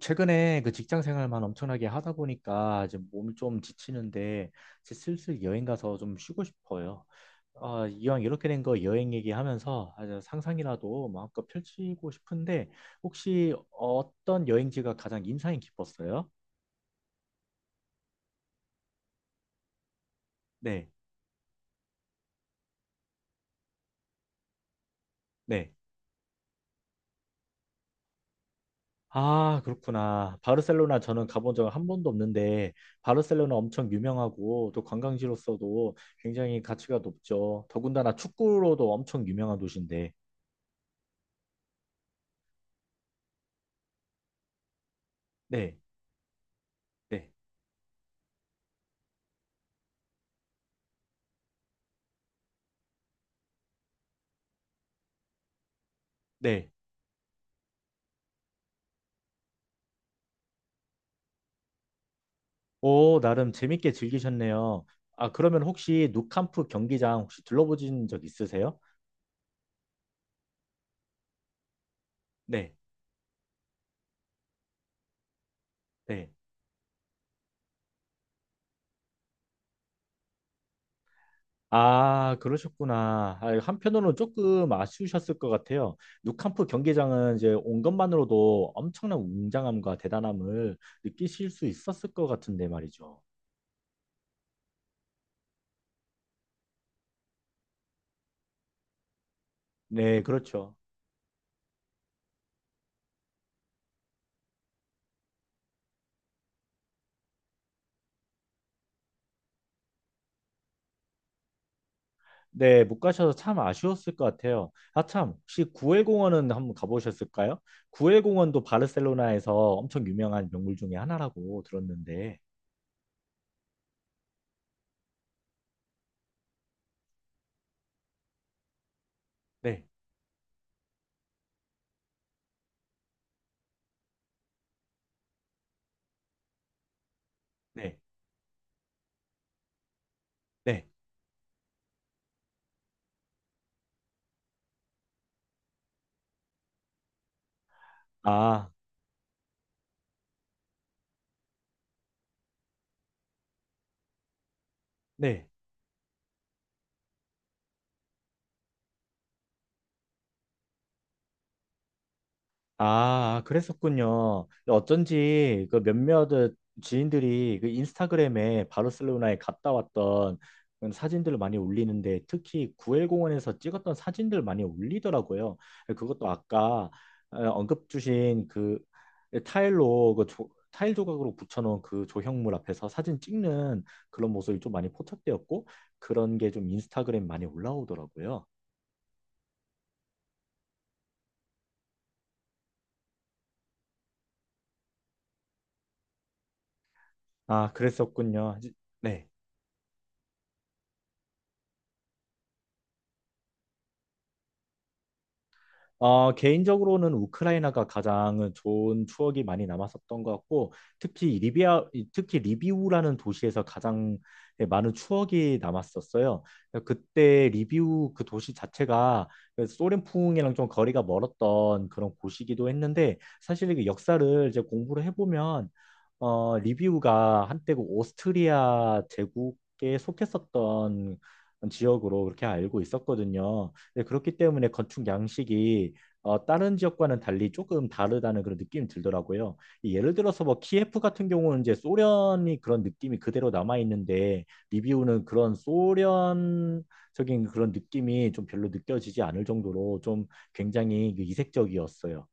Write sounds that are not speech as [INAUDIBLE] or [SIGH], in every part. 최근에 그 직장 생활만 엄청나게 하다 보니까 이제 몸이 좀 지치는데 이제 슬슬 여행 가서 좀 쉬고 싶어요. 아, 이왕 이렇게 된 거 여행 얘기하면서 아주 상상이라도 마음껏 펼치고 싶은데 혹시 어떤 여행지가 가장 인상이 깊었어요? 네, 네. 아, 그렇구나. 바르셀로나 저는 가본 적 한 번도 없는데 바르셀로나 엄청 유명하고 또 관광지로서도 굉장히 가치가 높죠. 더군다나 축구로도 엄청 유명한 도시인데. 네. 네. 네. 오, 나름 재밌게 즐기셨네요. 아, 그러면 혹시 누캄프 경기장 혹시 둘러보신 적 있으세요? 네. 네. 아, 그러셨구나. 아, 한편으로는 조금 아쉬우셨을 것 같아요. 누캄프 경기장은 이제 온 것만으로도 엄청난 웅장함과 대단함을 느끼실 수 있었을 것 같은데 말이죠. 네, 그렇죠. 네, 못 가셔서 참 아쉬웠을 것 같아요. 아, 참, 혹시 구엘 공원은 한번 가보셨을까요? 구엘 공원도 바르셀로나에서 엄청 유명한 명물 중에 하나라고 들었는데. 네, 네, 네. 아, 네. 아, 그랬었군요. 어쩐지 그 몇몇 지인들이 그 인스타그램에 바르셀로나에 갔다 왔던 그런 사진들을 많이 올리는데 특히 구엘 공원에서 찍었던 사진들 많이 올리더라고요. 그것도 아까 언급 주신 그 타일로 타일 조각으로 붙여놓은 그 조형물 앞에서 사진 찍는 그런 모습이 좀 많이 포착되었고 그런 게 좀 인스타그램 많이 올라오더라고요. 아, 그랬었군요. 네. 개인적으로는 우크라이나가 가장 좋은 추억이 많이 남았었던 것 같고, 특히 리비아, 특히 리비우라는 도시에서 가장 많은 추억이 남았었어요. 그때 리비우 그 도시 자체가 소련풍이랑 좀 거리가 멀었던 그런 곳이기도 했는데, 사실 이 역사를 이제 공부를 해보면, 리비우가 한때 그 오스트리아 제국에 속했었던 지역으로 그렇게 알고 있었거든요. 네, 그렇기 때문에 건축 양식이 다른 지역과는 달리 조금 다르다는 그런 느낌이 들더라고요. 예를 들어서 뭐 키예프 같은 경우는 이제 소련이 그런 느낌이 그대로 남아 있는데 리비우는 그런 소련적인 그런 느낌이 좀 별로 느껴지지 않을 정도로 좀 굉장히 그 이색적이었어요.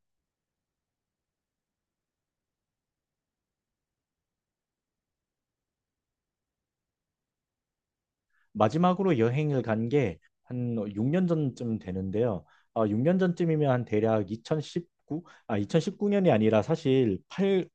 마지막으로 여행을 간 게 한 6년 전쯤 되는데요. 6년 전쯤이면 한 대략 2019, 아, 2019년이 아니라 사실 8,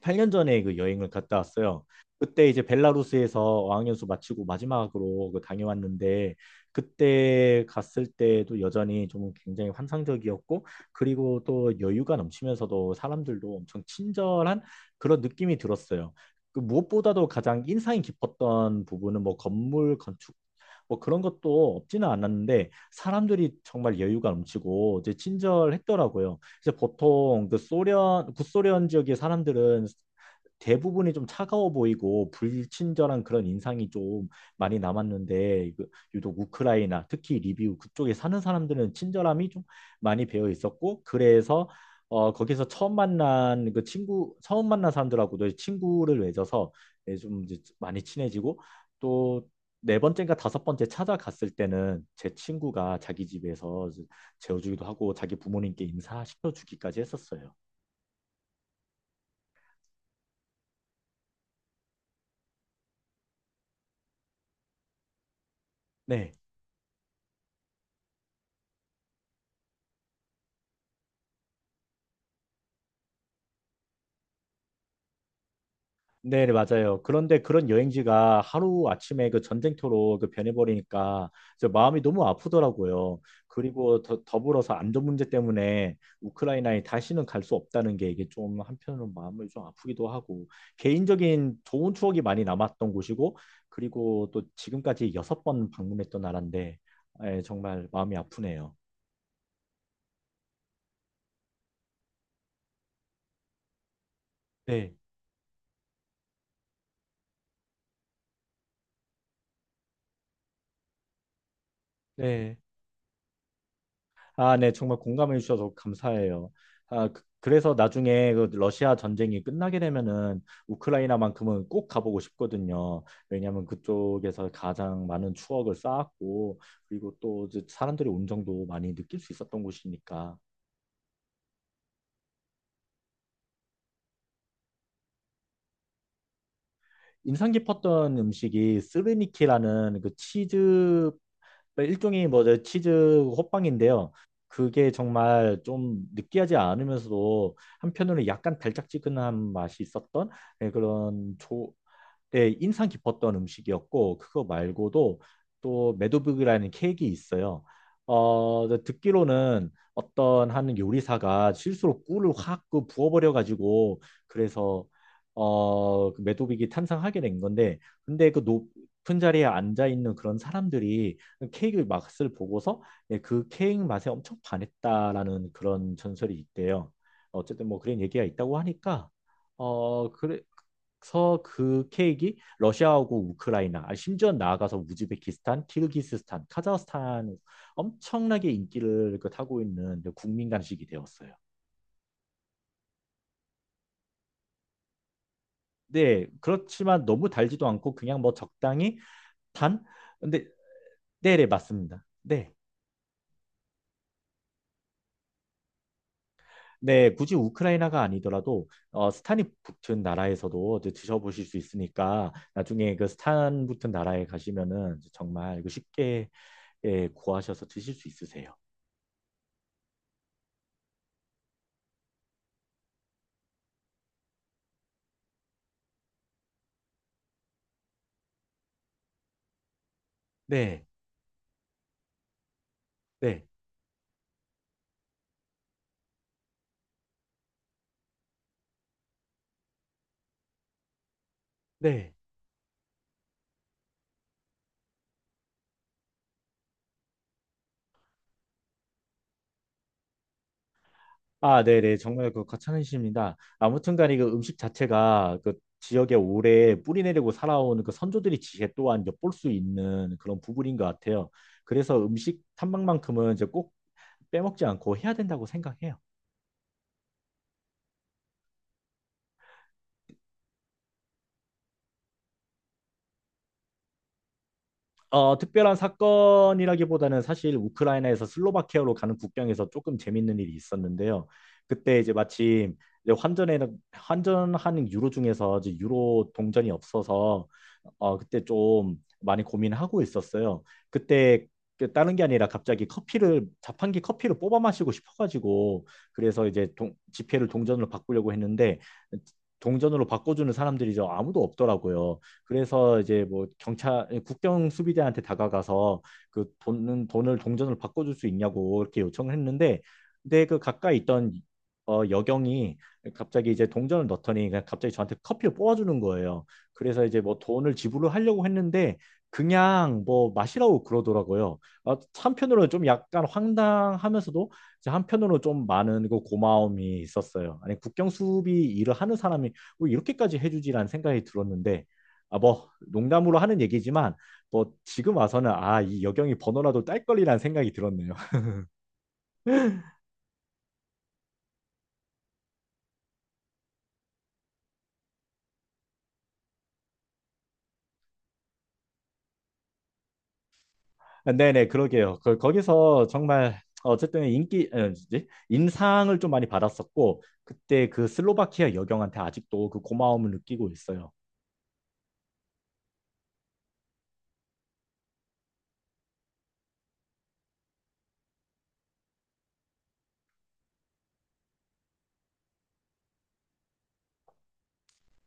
8년 전에 그 여행을 갔다 왔어요. 그때 이제 벨라루스에서 어학연수 마치고 마지막으로 그 다녀왔는데 그때 갔을 때도 여전히 좀 굉장히 환상적이었고 그리고 또 여유가 넘치면서도 사람들도 엄청 친절한 그런 느낌이 들었어요. 그 무엇보다도 가장 인상이 깊었던 부분은 뭐 건물 건축 뭐 그런 것도 없지는 않았는데 사람들이 정말 여유가 넘치고 이제 친절했더라고요. 이제 보통 그 소련 구소련 지역의 사람들은 대부분이 좀 차가워 보이고 불친절한 그런 인상이 좀 많이 남았는데 그 유독 우크라이나 특히 리비우 그쪽에 사는 사람들은 친절함이 좀 많이 배어 있었고 그래서 거기서 처음 만난 사람들하고도 친구를 맺어서 예, 좀 이제 많이 친해지고 또 네 번째인가 다섯 번째 찾아갔을 때는 제 친구가 자기 집에서 재워주기도 하고 자기 부모님께 인사시켜 주기까지 했었어요. 네. 네, 네, 맞아요. 그런데 그런 여행지가 하루 아침에 그 전쟁터로 그 변해버리니까 저 마음이 너무 아프더라고요. 그리고 더불어서 안전 문제 때문에 우크라이나에 다시는 갈 수 없다는 게 이게 좀 한편으로 마음을 좀 아프기도 하고 개인적인 좋은 추억이 많이 남았던 곳이고 그리고 또 지금까지 여섯 번 방문했던 나라인데 예, 정말 마음이 아프네요. 네, 네. 아, 네, 정말 공감해 주셔서 감사해요. 아, 그래서 나중에 그 러시아 전쟁이 끝나게 되면은 우크라이나만큼은 꼭 가보고 싶거든요. 왜냐하면 그쪽에서 가장 많은 추억을 쌓았고, 그리고 또 이제 사람들이 온정도 많이 느낄 수 있었던 곳이니까. 인상 깊었던 음식이 스르니키라는 그 치즈 그러니까 일종의 뭐저 치즈 호빵인데요. 그게 정말 좀 느끼하지 않으면서도 한편으로는 약간 달짝지근한 맛이 있었던 예, 예, 인상 깊었던 음식이었고 그거 말고도 또 메도빅이라는 케이크가 있어요. 듣기로는 어떤 한 요리사가 실수로 꿀을 확 그 부어버려 가지고 그래서 그 메도빅이 탄생하게 된 건데 근데 그 높은 자리에 앉아 있는 그런 사람들이 케이크 맛을 보고서 예, 그 케이크 맛에 엄청 반했다라는 그런 전설이 있대요. 어쨌든 뭐 그런 얘기가 있다고 하니까 그래, 서그 케이크 러시아하고 우크라이나, 아, 심지어 나아가서 우즈베키스탄, 키르기스스탄, 카자흐스탄 엄청나게 인기를 그 타고 있는 그 국민 간식이 되었어요. 네, 그렇지만 너무 달지도 않고 그냥 뭐 적당히 단? 근데 네, 네, 맞습니다. 네. 네, 굳이 우크라이나가 아니더라도 스탄이 붙은 나라에서도 이제 드셔보실 수 있으니까 나중에 그 스탄 붙은 나라에 가시면은 정말 이거 쉽게 예, 구하셔서 드실 수 있으세요. 네, 네. 네. 아, 네네. 정말 그 과찬이십니다. 아무튼간에 그 음식 자체가 그 지역에 오래 뿌리 내리고 살아온 그 선조들의 지혜 또한 엿볼 수 있는 그런 부분인 것 같아요. 그래서 음식 탐방만큼은 이제 꼭 빼먹지 않고 해야 된다고 생각해요. 특별한 사건이라기보다는 사실 우크라이나에서 슬로바키아로 가는 국경에서 조금 재밌는 일이 있었는데요. 그때 이제 마침 이제 환전에 환전하는 유로 중에서 이제 유로 동전이 없어서 그때 좀 많이 고민하고 있었어요. 그때 그 다른 게 아니라 갑자기 커피를 자판기 커피를 뽑아 마시고 싶어가지고 그래서 이제 지폐를 동전으로 바꾸려고 했는데 동전으로 바꿔주는 사람들이 저 아무도 없더라고요. 그래서 이제 뭐 경찰 국경 수비대한테 다가가서 그 돈은 돈을 동전을 바꿔줄 수 있냐고 이렇게 요청을 했는데 근데 그 가까이 있던 여경이 갑자기 이제 동전을 넣더니 그냥 갑자기 저한테 커피를 뽑아주는 거예요. 그래서 이제 뭐 돈을 지불을 하려고 했는데 그냥 뭐 마시라고 그러더라고요. 아, 한편으로는 좀 약간 황당하면서도 이제 한편으로 좀 많은 그 고마움이 있었어요. 아니 국경 수비 일을 하는 사람이 뭐 이렇게까지 해주지라는 생각이 들었는데 아, 뭐 농담으로 하는 얘기지만 뭐 지금 와서는 아, 이 여경이 번호라도 딸 걸이라는 생각이 들었네요. [LAUGHS] 네네, 그러게요. 거기서 정말 어쨌든 인기 에, 뭐지? 인상을 좀 많이 받았었고 그때 그 슬로바키아 여경한테 아직도 그 고마움을 느끼고 있어요.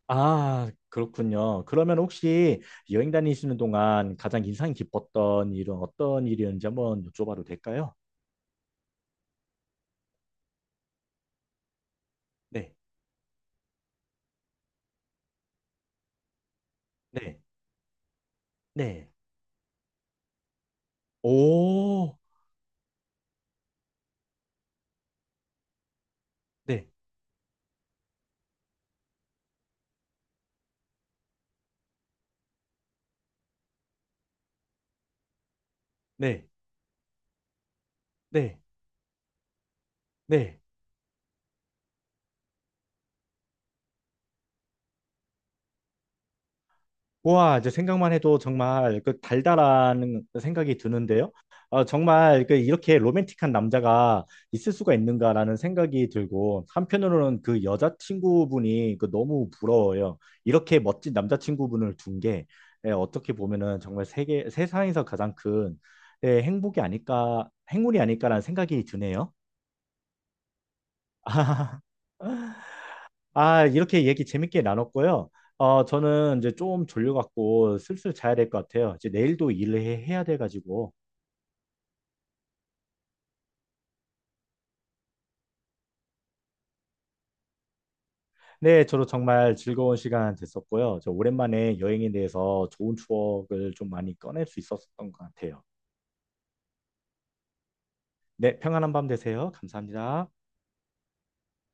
아, 그렇군요. 그러면 혹시 여행 다니시는 동안 가장 인상 깊었던 일은 어떤 일이었는지 한번 여쭤봐도 될까요? 네, 네, 네. 오, 네, 네, 네, 네. 와, 이제 생각만 해도 정말 그 달달한 생각이 드는데요. 정말 그 이렇게 로맨틱한 남자가 있을 수가 있는가라는 생각이 들고 한편으로는 그 여자친구분이 그 너무 부러워요. 이렇게 멋진 남자친구분을 둔 게 예, 어떻게 보면은 정말 세계 세상에서 가장 큰 예, 행복이 아닐까, 행운이 아닐까라는 생각이 드네요. [LAUGHS] 아, 이렇게 얘기 재밌게 나눴고요. 저는 이제 좀 졸려갖고 슬슬 자야 될 것 같아요. 이제 내일도 일을 해야 돼가지고. 네, 저도 정말 즐거운 시간 됐었고요. 저 오랜만에 여행에 대해서 좋은 추억을 좀 많이 꺼낼 수 있었던 것 같아요. 네, 평안한 밤 되세요. 감사합니다.